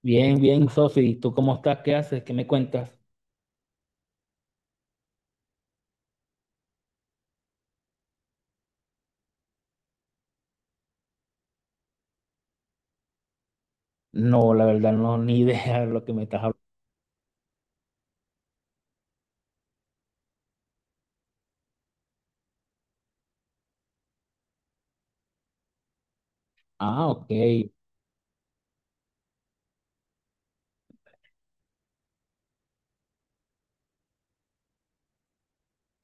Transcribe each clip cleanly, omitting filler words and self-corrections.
Bien, bien, Sofi. ¿Tú cómo estás? ¿Qué haces? ¿Qué me cuentas? No, la verdad, no, ni idea de lo que me estás hablando. Ah, ok.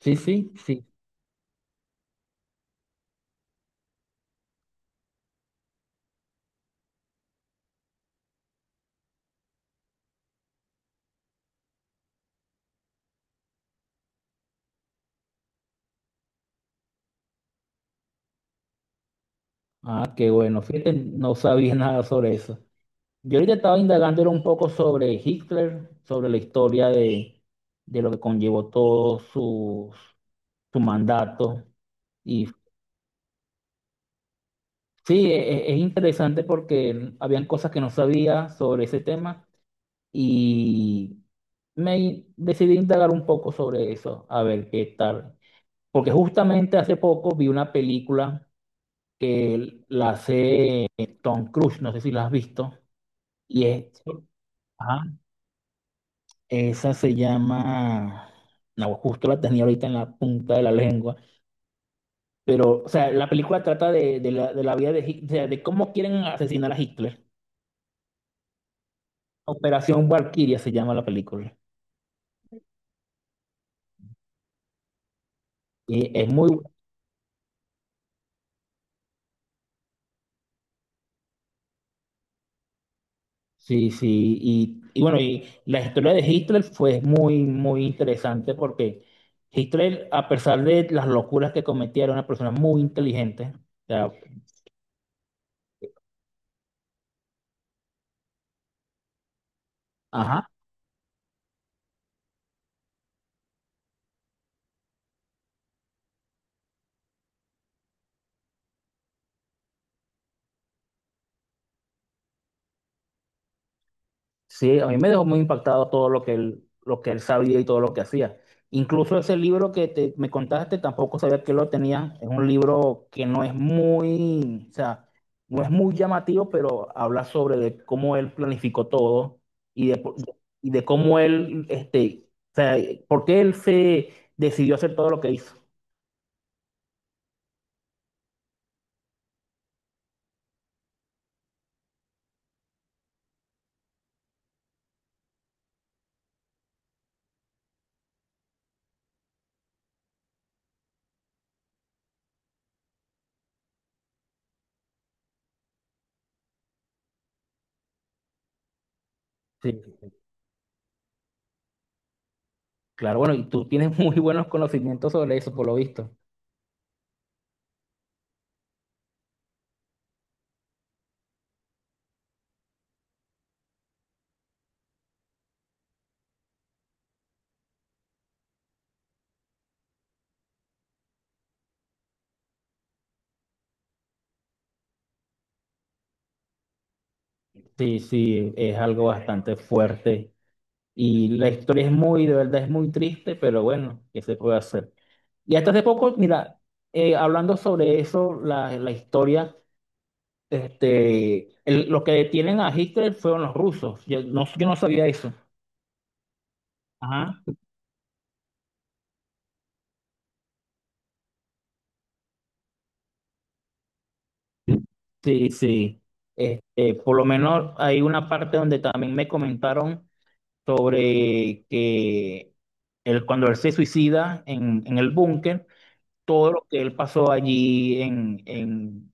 Sí, sí, sí. Ah, qué bueno. Fíjate, no sabía nada sobre eso. Yo ahorita estaba indagando era un poco sobre Hitler, sobre la historia de lo que conllevó todo su mandato. Y sí, es interesante porque habían cosas que no sabía sobre ese tema y me decidí indagar un poco sobre eso, a ver qué tal. Porque justamente hace poco vi una película que la hace Tom Cruise, no sé si la has visto, y es, ajá, esa se llama, no, justo la tenía ahorita en la punta de la lengua, pero, o sea, la película trata de la vida de Hitler, o sea, de cómo quieren asesinar a Hitler. Operación Valkyria se llama la película. Y es muy. Sí, sí, y bueno, y la historia de Hitler fue muy, muy interesante porque Hitler, a pesar de las locuras que cometía, era una persona muy inteligente. O sea, ajá, sí, a mí me dejó muy impactado todo lo que él sabía y todo lo que hacía. Incluso ese libro que me contaste, tampoco sabía que lo tenía. Es un libro que no es muy, o sea, no es muy llamativo, pero habla sobre de cómo él planificó todo y de, por- y de cómo él, este, o sea, por qué él se decidió hacer todo lo que hizo. Sí, claro, bueno, y tú tienes muy buenos conocimientos sobre eso, por lo visto. Sí, sí, es algo bastante fuerte. Y la historia es muy, de verdad, es muy triste, pero bueno, ¿qué se puede hacer? Y hasta hace poco, mira, hablando sobre eso, la historia, este, lo que detienen a Hitler fueron los rusos. Yo no sabía eso. Ajá. Sí, sí. Este, por lo menos hay una parte donde también me comentaron sobre que él, cuando él se suicida en el búnker, todo lo que él pasó allí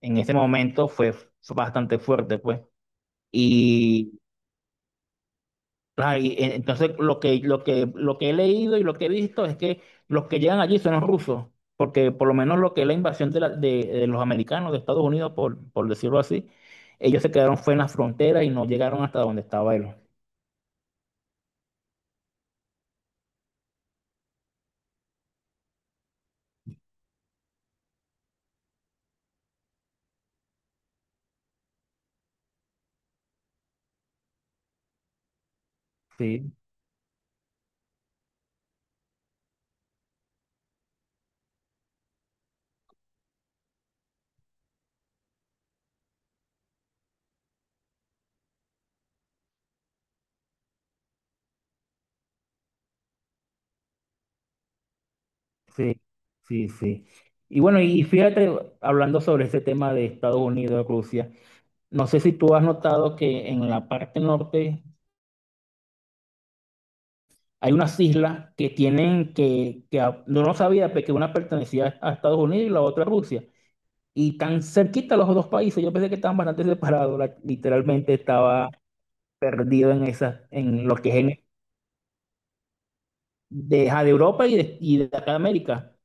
en ese momento fue bastante fuerte, pues. Y ah, y, entonces lo lo que he leído y lo que he visto es que los que llegan allí son los rusos, porque por lo menos lo que es la invasión de los americanos de Estados Unidos, por decirlo así, ellos se quedaron fue en la frontera y no llegaron hasta donde estaba él. Sí, sí, sí. Y bueno, y fíjate, hablando sobre ese tema de Estados Unidos, Rusia. No sé si tú has notado que en la parte norte hay unas islas que tienen que no lo sabía, pero que una pertenecía a Estados Unidos y la otra a Rusia. Y tan cerquita los dos países, yo pensé que estaban bastante separados, literalmente estaba perdido en esa, en lo que es ajá, de Europa y de acá de América.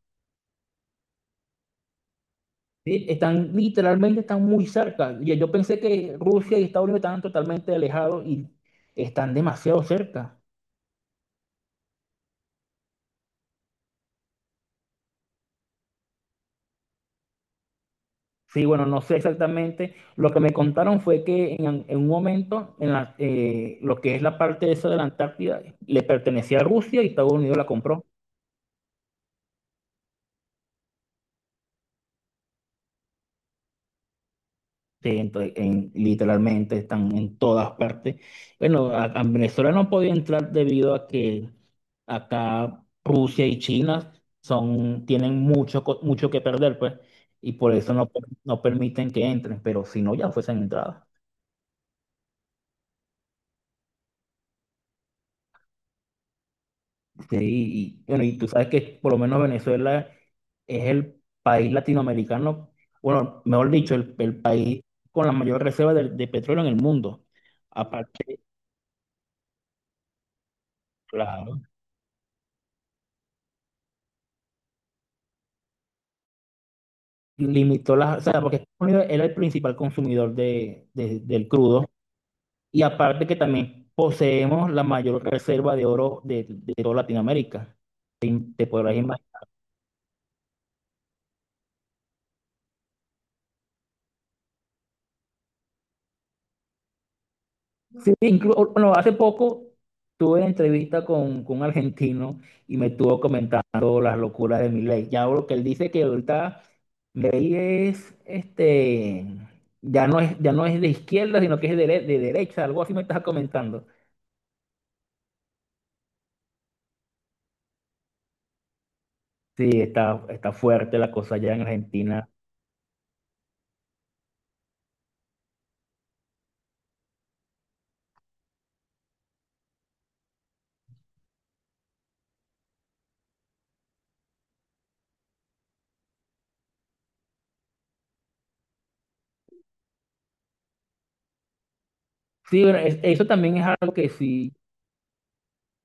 Sí, están literalmente están muy cerca. Yo pensé que Rusia y Estados Unidos estaban totalmente alejados y están demasiado cerca. Sí, bueno, no sé exactamente. Lo que me contaron fue que en un momento, en la, lo que es la parte esa de la Antártida, le pertenecía a Rusia y Estados Unidos la compró. Sí, entonces, literalmente están en todas partes. Bueno, a Venezuela no podía entrar debido a que acá Rusia y China son, tienen mucho, mucho que perder, pues, y por eso no, no permiten que entren, pero si no, ya fuesen entradas. Sí, y bueno, y tú sabes que por lo menos Venezuela es el país latinoamericano, bueno, mejor dicho, el país con la mayor reserva de petróleo en el mundo. Aparte, claro, limitó las, o sea, porque Estados Unidos era el principal consumidor del crudo, y aparte que también poseemos la mayor reserva de oro de toda Latinoamérica. Te podrás imaginar. Sí, bueno, hace poco tuve una entrevista con un argentino y me estuvo comentando las locuras de Milei. Ya lo que él dice que ahorita Milei es, este, ya no es de izquierda, sino que es de derecha, algo así me estás comentando. Sí, está, está fuerte la cosa allá en Argentina. Sí, bueno, eso también es algo que sí,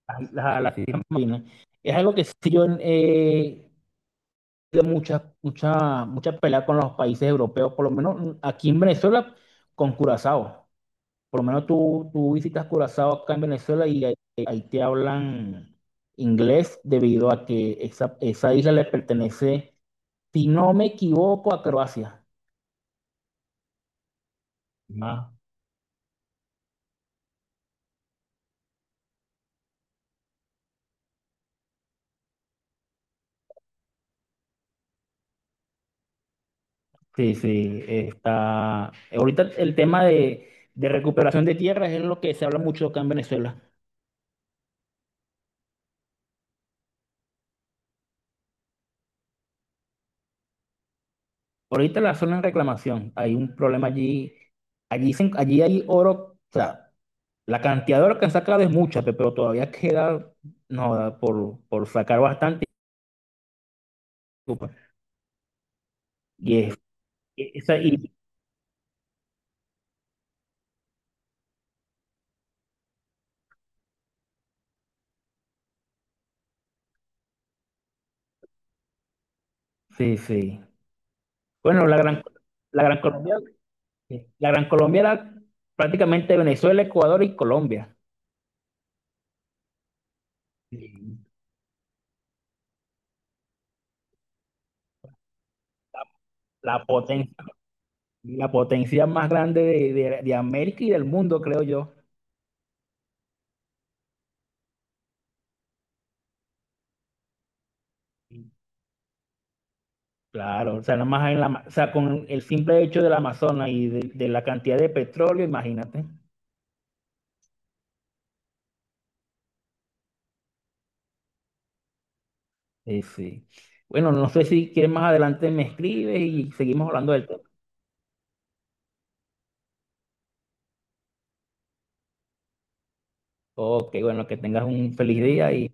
a las Islas Malvinas, es algo que sí yo, habido mucha, mucha, mucha pelea con los países europeos, por lo menos aquí en Venezuela con Curazao. Por lo menos tú visitas Curazao acá en Venezuela y ahí te hablan inglés debido a que esa isla le pertenece, si no me equivoco, a Croacia. Ah, sí, sí, está. Ahorita el tema de recuperación de tierras es lo que se habla mucho acá en Venezuela. Ahorita la zona en reclamación, hay un problema allí. Allí, allí hay oro, o sea, la cantidad de horas que han sacado es mucha, pero todavía queda no, da por sacar bastante. Y es, e, esa, y, sí, sí. Bueno, la gran Colombia, sí, la gran Colombia era prácticamente Venezuela, Ecuador y Colombia. Sí. La potencia, la potencia más grande de, de América y del mundo, creo yo. Claro, o sea, nada más en la, o sea, con el simple hecho del Amazonas y de la cantidad de petróleo, imagínate. Sí, sí. Bueno, no sé si quieres más adelante me escribes y seguimos hablando del tema. Ok, bueno, que tengas un feliz día y...